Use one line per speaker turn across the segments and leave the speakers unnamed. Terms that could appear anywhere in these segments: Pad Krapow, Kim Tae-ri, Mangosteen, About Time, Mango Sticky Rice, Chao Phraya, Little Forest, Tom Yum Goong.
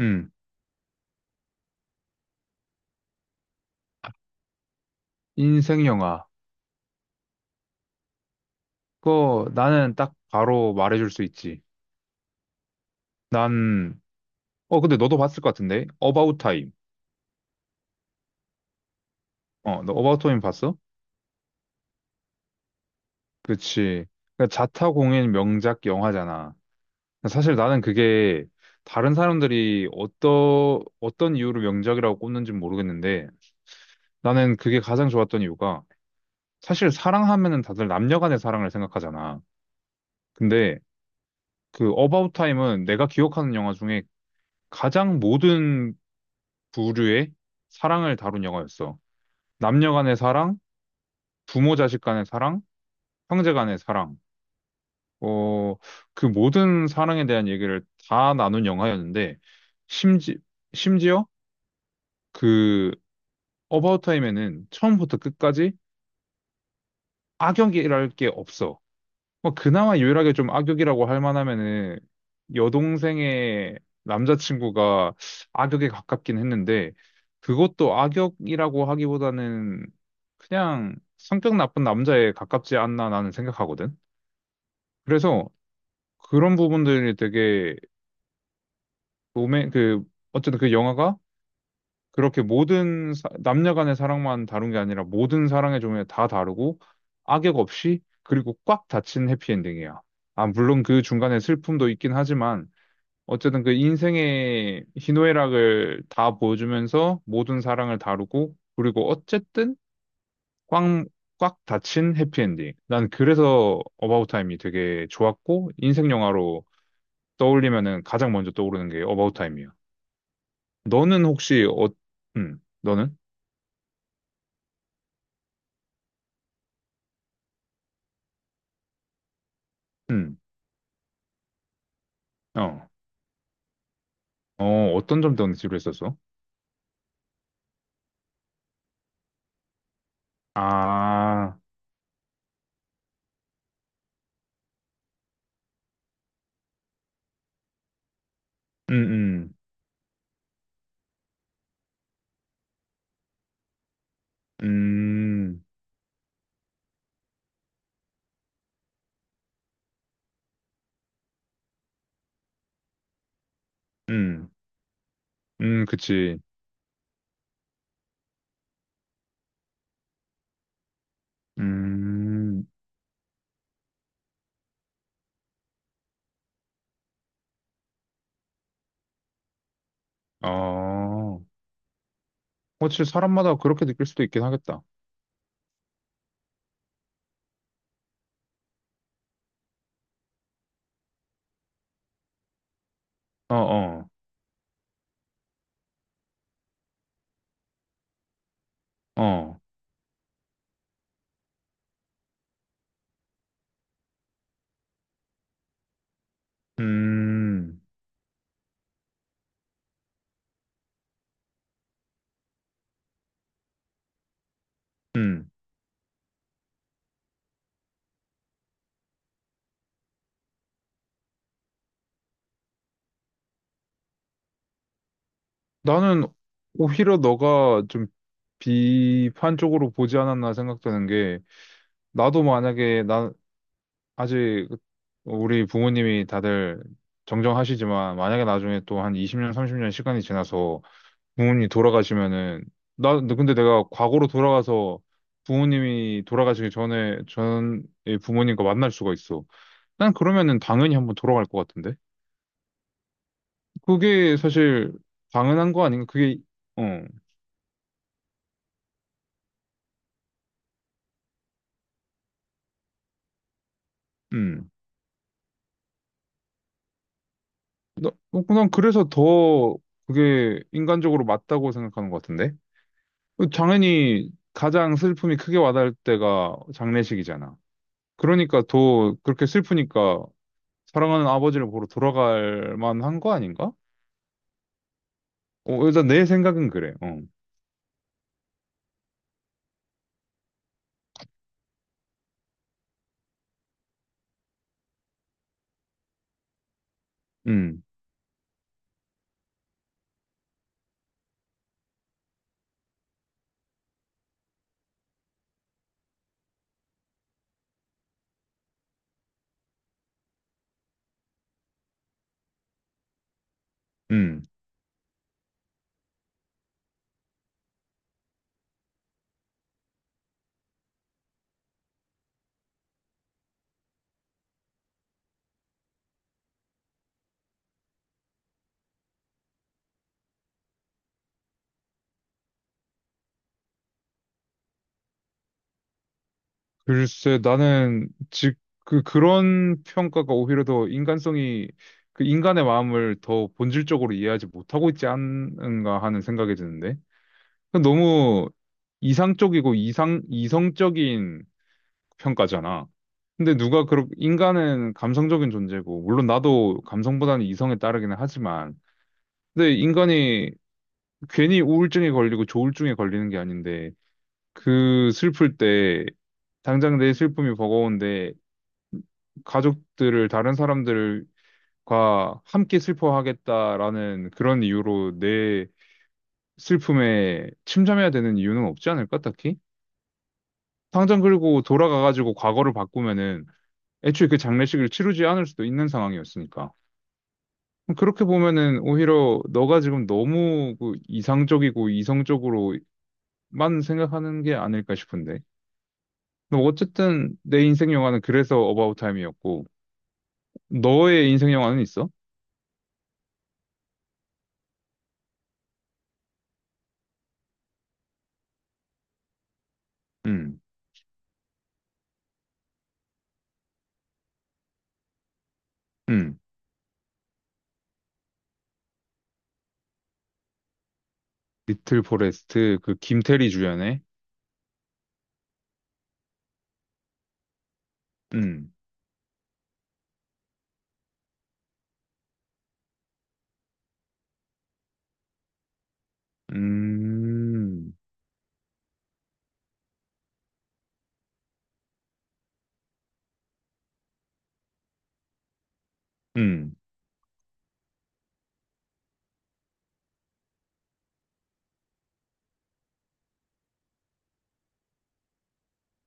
음, 인생 영화. 그거 나는 딱 바로 말해줄 수 있지. 난, 근데 너도 봤을 것 같은데? About Time. 너 About Time 봤어? 그치. 그러니까 자타공인 명작 영화잖아. 사실 나는 그게 다른 사람들이 어떤 이유로 명작이라고 꼽는지 모르겠는데 나는 그게 가장 좋았던 이유가 사실 사랑하면은 다들 남녀 간의 사랑을 생각하잖아. 근데 그 About Time은 내가 기억하는 영화 중에 가장 모든 부류의 사랑을 다룬 영화였어. 남녀 간의 사랑, 부모 자식 간의 사랑, 형제 간의 사랑. 어, 그 모든 사랑에 대한 얘기를 다 나눈 영화였는데 심지 심지어 그 어바웃 타임에는 처음부터 끝까지 악역이랄 게 없어. 뭐 그나마 유일하게 좀 악역이라고 할 만하면은 여동생의 남자친구가 악역에 가깝긴 했는데 그것도 악역이라고 하기보다는 그냥 성격 나쁜 나남자에 가깝지 않나 나는 생각하거든. 그래서 그런 부분들이 되게 로맨 그 어쨌든 그 영화가 그렇게 모든 남녀 간의 사랑만 다룬 게 아니라 모든 사랑의 종류 다 다루고 악역 없이 그리고 꽉 닫힌 해피엔딩이야. 아, 물론 그 중간에 슬픔도 있긴 하지만 어쨌든 그 인생의 희노애락을 다 보여주면서 모든 사랑을 다루고 그리고 어쨌든 꽉 꽉 닫힌 해피엔딩. 난 그래서 어바웃 타임이 되게 좋았고 인생 영화로 떠올리면은 가장 먼저 떠오르는 게 어바웃 타임이야. 너는 혹시 너는? 음, 어, 어떤 점 때문에 지루했었어? 아, 음, 음, 음, 음, 그치. 음, 어. 그렇지, 사람마다 그렇게 느낄 수도 있긴 하겠다. 어, 어, 어. 음, 음. 나는 오히려 너가 좀 비판적으로 보지 않았나 생각되는 게, 나도 만약에, 아직 우리 부모님이 다들 정정하시지만, 만약에 나중에 또 한 20년, 30년 시간이 지나서 부모님이 돌아가시면은, 근데 내가 과거로 돌아가서 부모님이 돌아가시기 전에 부모님과 만날 수가 있어. 난 그러면은 당연히 한번 돌아갈 것 같은데. 그게 사실 당연한 거 아닌가? 그게 어, 음. 난 그래서 더 그게 인간적으로 맞다고 생각하는 것 같은데. 어, 당연히 가장 슬픔이 크게 와닿을 때가 장례식이잖아. 그러니까 더 그렇게 슬프니까 사랑하는 아버지를 보러 돌아갈 만한 거 아닌가? 어, 일단 내 생각은 그래. 어, 음, 음. 글쎄, 나는 즉 그런 평가가 오히려 더 인간성이 그 인간의 마음을 더 본질적으로 이해하지 못하고 있지 않은가 하는 생각이 드는데. 그 너무 이상적이고 이상 이성적인 평가잖아. 근데 누가 그렇게 인간은 감성적인 존재고 물론 나도 감성보다는 이성에 따르기는 하지만 근데 인간이 괜히 우울증에 걸리고 조울증에 걸리는 게 아닌데 그 슬플 때 당장 내 슬픔이 버거운데 가족들을 다른 사람들과 함께 슬퍼하겠다라는 그런 이유로 내 슬픔에 침잠해야 되는 이유는 없지 않을까, 딱히? 당장 그리고 돌아가가지고 과거를 바꾸면은 애초에 그 장례식을 치르지 않을 수도 있는 상황이었으니까. 그렇게 보면은 오히려 너가 지금 너무 그 이상적이고 이성적으로만 생각하는 게 아닐까 싶은데. 뭐 어쨌든 내 인생 영화는 그래서 어바웃 타임이었고 너의 인생 영화는 있어? 음. 음. 리틀 포레스트 그 김태리 주연의 음. 음. 음.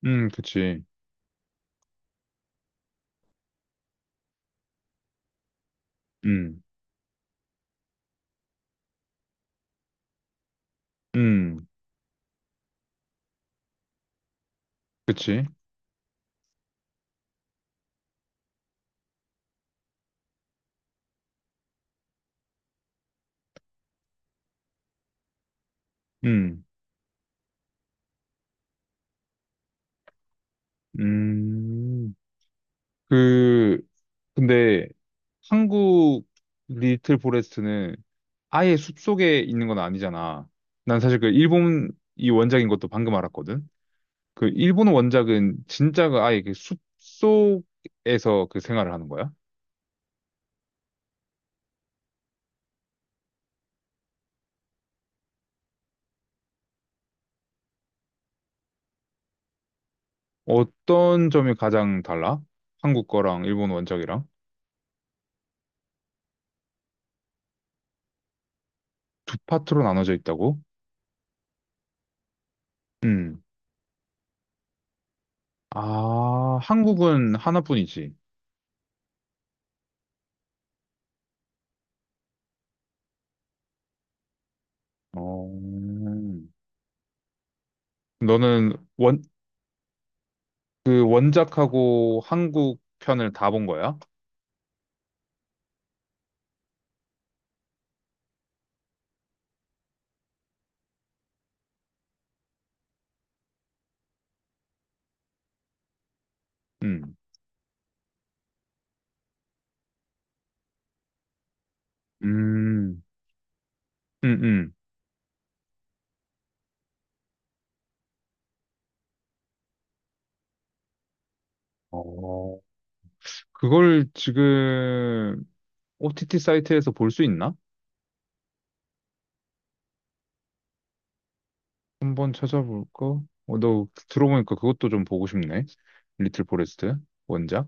그치. 음. 음. 그치. 음. 음. 그 근데 한국 리틀 포레스트는 아예 숲속에 있는 건 아니잖아. 난 사실 그 일본 이 원작인 것도 방금 알았거든. 그 일본 원작은 진짜가 아예 그 숲속에서 그 생활을 하는 거야? 어떤 점이 가장 달라? 한국 거랑 일본 원작이랑? 두 파트로 나눠져 있다고? 음. 아, 한국은 하나뿐이지. 어. 너는 원, 그 원작하고 한국 편을 다 본 거야? 음. 음. 음, 음. 어. 그걸 지금 OTT 사이트에서 볼 수 있나? 한번 찾아볼까? 어, 너 들어보니까 그것도 좀 보고 싶네. 리틀 포레스트 원작.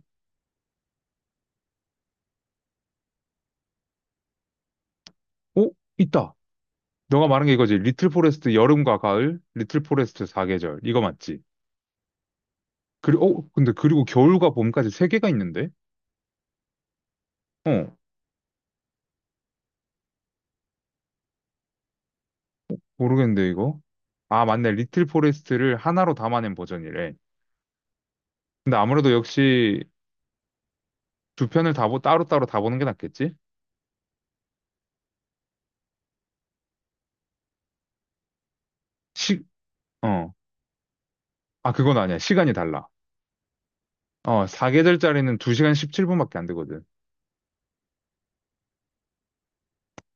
오, 있다. 너가 말한 게 이거지. 리틀 포레스트 여름과 가을, 리틀 포레스트 사계절. 이거 맞지? 그리고, 어, 근데 그리고 겨울과 봄까지 세 개가 있는데? 어, 모르겠는데, 이거? 아, 맞네. 리틀 포레스트를 하나로 담아낸 버전이래. 근데 아무래도 역시 두 편을 다, 따로따로 다 보는 게 낫겠지? 시, 어. 아, 그건 아니야. 시간이 달라. 어, 사계절짜리는 2시간 17분밖에 안 되거든.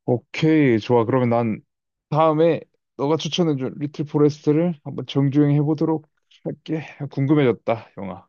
오케이. 좋아. 그러면 난 다음에 너가 추천해준 리틀 포레스트를 한번 정주행 해보도록 할게. 궁금해졌다, 영화.